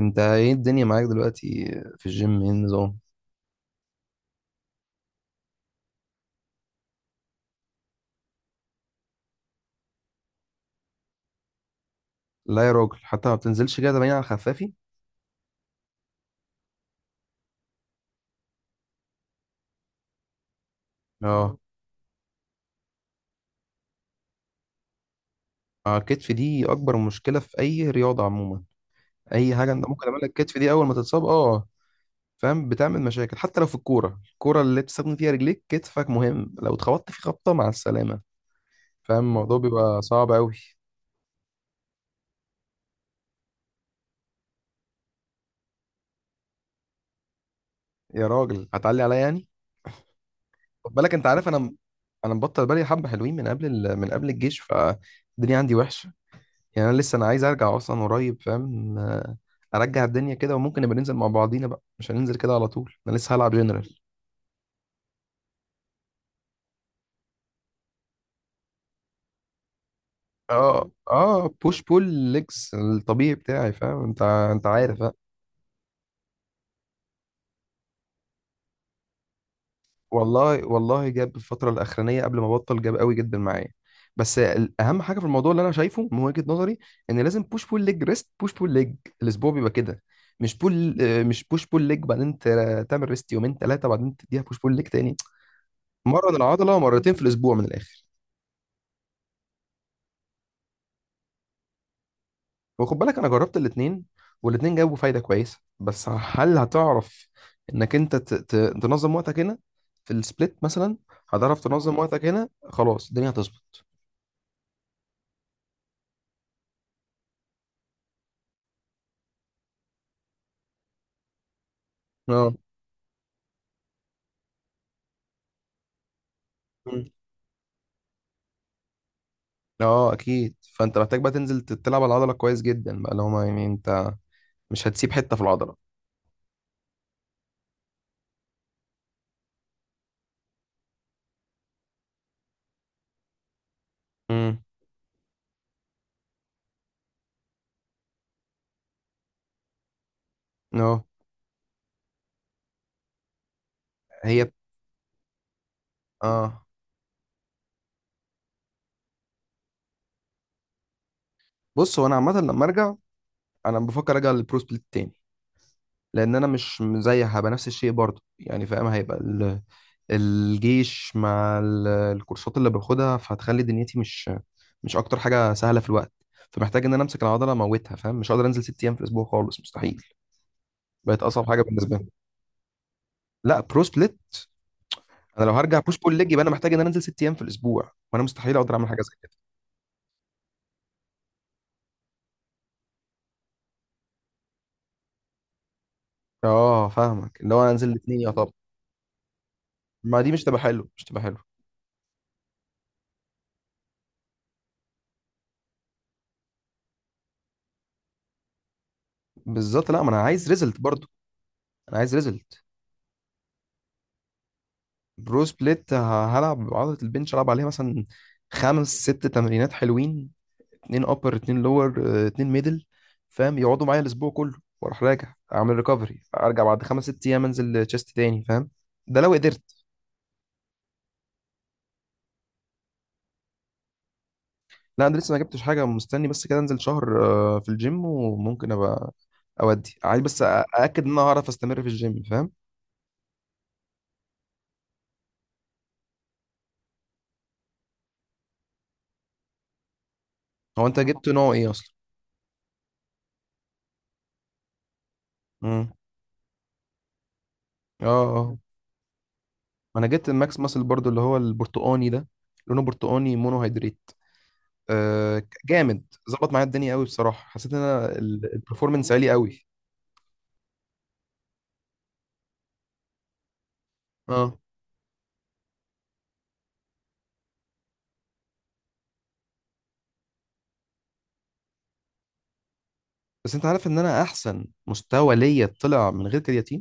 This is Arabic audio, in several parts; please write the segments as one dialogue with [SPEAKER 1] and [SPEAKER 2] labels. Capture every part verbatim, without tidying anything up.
[SPEAKER 1] انت ايه الدنيا معاك دلوقتي؟ في الجيم ايه النظام؟ لا يا راجل، حتى ما بتنزلش كده، باين على خفافي. اه، مم. اه، الكتف دي اكبر مشكله في اي رياضه عموما. اي حاجه انت ممكن تعملها، الكتف دي اول ما تتصاب اه فاهم بتعمل مشاكل. حتى لو في الكوره، الكوره اللي بتستخدم فيها رجليك كتفك مهم. لو اتخبطت في خبطه مع السلامه، فاهم الموضوع بيبقى صعب قوي. يا راجل هتعلي عليا يعني. خد بالك انت عارف انا انا مبطل بالي حبه حلوين من قبل ال... من قبل الجيش، فالدنيا عندي وحشه. يعني انا لسه انا عايز ارجع اصلا قريب فاهم، آه، ارجع الدنيا كده. وممكن نبقى ننزل مع بعضينا بقى، مش هننزل كده على طول، انا لسه هلعب جنرال. اه اه بوش بول ليجز الطبيعي بتاعي فاهم، انت انت عارف آه. والله والله جاب الفتره الاخرانيه قبل ما بطل، جاب قوي جدا معايا. بس ال- اهم حاجه في الموضوع اللي انا شايفه من وجهه نظري، ان لازم بوش بول ليج، ريست، بوش بول ليج. الاسبوع بيبقى كده، مش بول آه، مش بوش بول ليج بعدين ت- تعمل ريست يومين ثلاثه، بعدين تديها بوش بول ليج تاني، مره من العضله، مرتين في الاسبوع من الاخر. وخد بالك انا جربت الاتنين، والاتنين جابوا فايده كويسه، بس هل هتعرف انك انت ت- ت- تنظم وقتك هنا في السبليت مثلا؟ هتعرف تنظم وقتك هنا، خلاص الدنيا هتظبط. اه، مم. اه اكيد، فانت محتاج بقى تنزل ت- تلعب على العضله كويس جدا بقى، لو ما يعني انت مش هتسيب حته في العضله. امم اه. هي. اه. بص، هو انا عامه لما ارجع، انا بفكر ارجع للبرو سبليت تاني. لان انا مش زي، هبقى نفس الشيء برضه يعني فاهم. هيبقى الجيش مع ال- الكورسات اللي باخدها، فهتخلي دنيتي مش مش اكتر حاجه سهله في الوقت. فمحتاج ان انا امسك العضله اموتها فاهم، مش هقدر انزل ست ايام في الاسبوع خالص، مستحيل. بقت اصعب حاجه بالنسبه لي. لا، برو سبليت. انا لو هرجع بوش بول ليج، يبقى انا محتاج ان انا انزل ست ايام في الاسبوع، وانا مستحيل اقدر اعمل حاجه زي كده. اه فاهمك، اللي هو انا انزل الاثنين، يا طب ما دي مش تبقى حلو، مش تبقى حلو. بالظبط، لا ما انا عايز ريزلت برضو، انا عايز ريزلت. برو سبليت ه- هلعب عضله البنش العب عليها مثلا خمس ست تمرينات حلوين، اتنين ابر، اتنين لور، اتنين ميدل فاهم، يقعدوا معايا الاسبوع كله، واروح راجع اعمل ريكفري، ارجع بعد خمس ست ايام انزل تشيست تاني فاهم. ده لو قدرت. لا انا لسه ما جبتش حاجه، مستني بس كده انزل شهر آه، في الجيم، وممكن ابقى اودي عايز بس أ- ااكد ان انا هعرف استمر في الجيم فاهم. هو انت جبت نوع ايه اصلا؟ امم اه. اه، انا جبت الماكس ماسل برضو اللي هو البرتقاني ده، لونه برتقاني، مونو هيدريت. آه، ك- جامد، ظبط معايا الدنيا قوي بصراحه، حسيت ان انا البرفورمانس عالي قوي. اه، بس انت عارف ان انا احسن مستوى ليا طلع من غير كرياتين.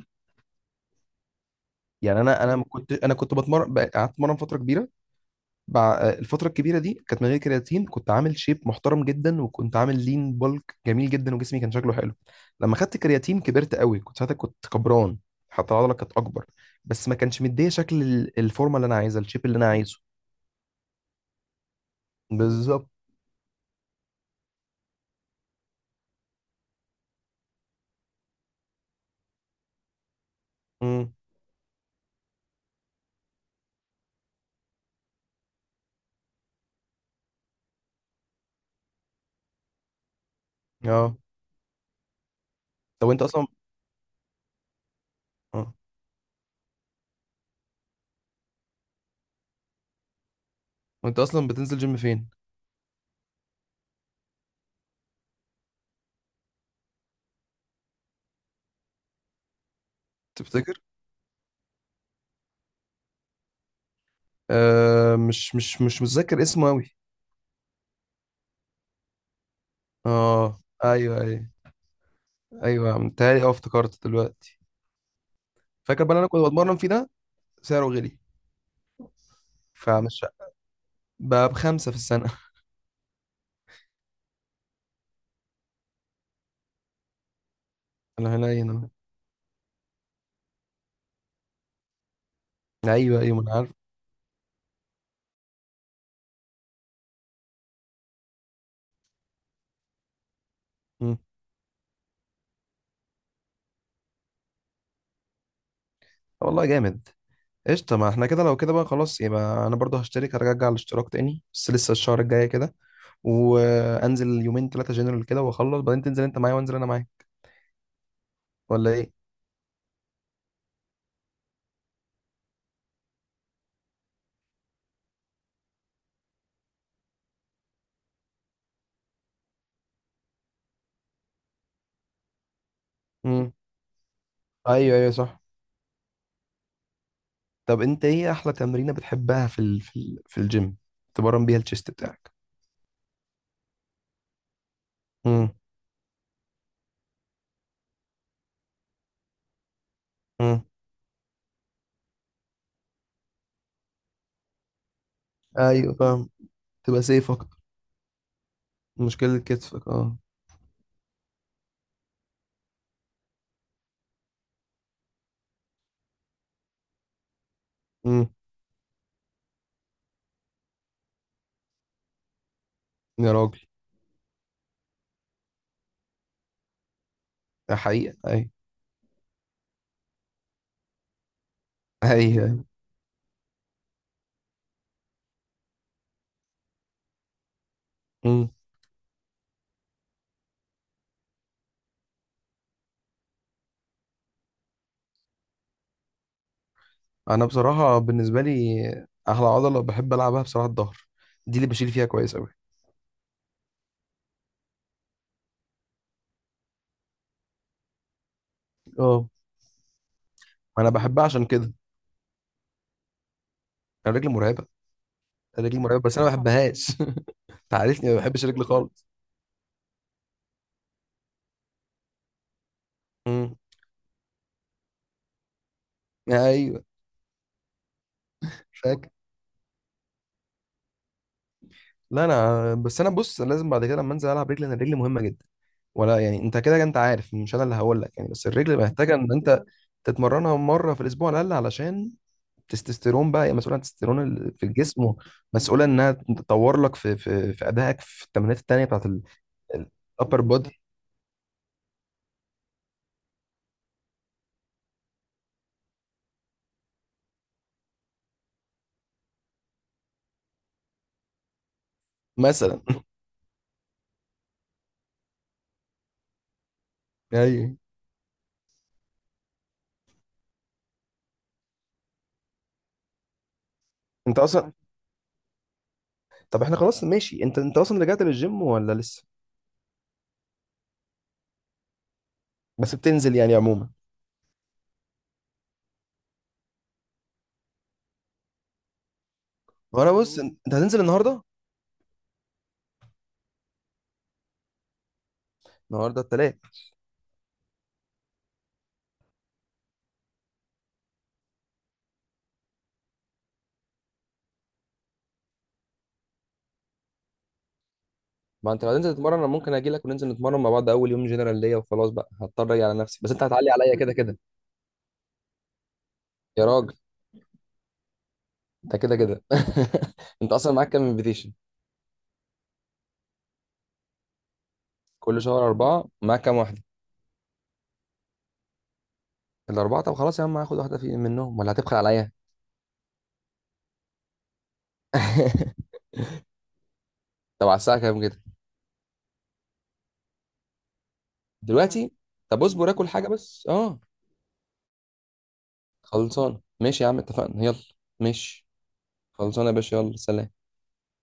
[SPEAKER 1] يعني انا انا ما كنت، انا كنت بتمرن بقى- قعدت اتمرن فتره كبيره. بع... الفتره الكبيره دي كانت من غير كرياتين، كنت عامل شيب محترم جدا، وكنت عامل لين بولك جميل جدا، وجسمي كان شكله حلو. لما خدت كرياتين كبرت قوي، كنت ساعتها كنت كبران، حتى العضله كانت اكبر، بس ما كانش مديه شكل ال- الفورمه اللي انا عايزها، الشيب اللي انا عايزه. بالظبط. امم اه. طب وانت اصلا، اه، وانت اصلا بتنزل جيم فين؟ تفتكر. آه، مش مش مش متذكر اسمه قوي. اه ايوه ايوه. ايوه متهيألي، اه افتكرت دلوقتي. فاكر بقى اللي انا كنت بتمرن فيه ده، سعره غلي، فمش بقى بخمسة في السنة. انا هنا هنا. ايوه ايوه، ما انا عارف. مم. طب والله جامد، قشطة. ما احنا كده، لو كده بقى خلاص، يبقى انا برضه هشترك، هرجع الاشتراك تاني، بس لسه الشهر الجاي كده، وانزل يومين ثلاثة جنرال كده واخلص، بعدين تنزل انت معايا وانزل انا معاك، ولا ايه؟ امم ايوه ايوه صح. طب انت ايه احلى تمرينة بتحبها في ال... في ال... في الجيم، تمرن بيها الشيست بتاعك؟ امم ايوه فاهم. تبقى سيف اكتر، مشكلة كتفك، اه. امم يا راجل، ده حقيقة اي، اي. امم انا بصراحة بالنسبة لي احلى عضلة بحب العبها بصراحة الظهر، دي اللي بشيل فيها كويس قوي. اه. انا بحبها عشان كده، انا رجلي مرعبة. رجلي مرعبة بس انا ما بحبهاش. انت عارفني ما بحبش رجلي خالص. امم ايوه فاكر. لا انا بس، انا بص، انا لازم بعد كده لما انزل العب رجلي، انا رجلي مهمة جدا. ولا يعني انت كده كده انت عارف، مش انا اللي هقول لك يعني، بس الرجل محتاجه ان انت تتمرنها مره في الاسبوع على الاقل، علشان التستوستيرون بقى، هي مسؤوله عن التستوستيرون ال- في الجسم، مسؤوله انها تطور لك في في في ادائك في التمرينات التانيه بتاعت الابر بودي مثلا. ايوه. انت اصلا، طب احنا خلاص ماشي، انت انت اصلا رجعت للجيم ولا لسه؟ بس بتنزل يعني عموما. وانا بص، انت هتنزل النهارده؟ النهارده التلات. ما انت لو هتنزل تتمرن انا ممكن اجي لك، وننزل نتمرن مع بعض، اول يوم جنرال ليا وخلاص، بقى هضطر اجي على نفسي، بس انت هتعلي عليا كده كده يا راجل. انت كده كده. انت اصلا معاك كام انفيتيشن؟ كل شهر اربعه. معاك كام واحده؟ الاربعه؟ طب خلاص يا عم، هاخد واحده في منهم ولا هتبخل عليا؟ طب على الساعه كام كده؟ دلوقتي؟ طب اصبر اكل حاجه بس اه. خلصان، ماشي يا عم اتفقنا، يلا. ماشي، خلصانه يا باشا، يلا، سلام.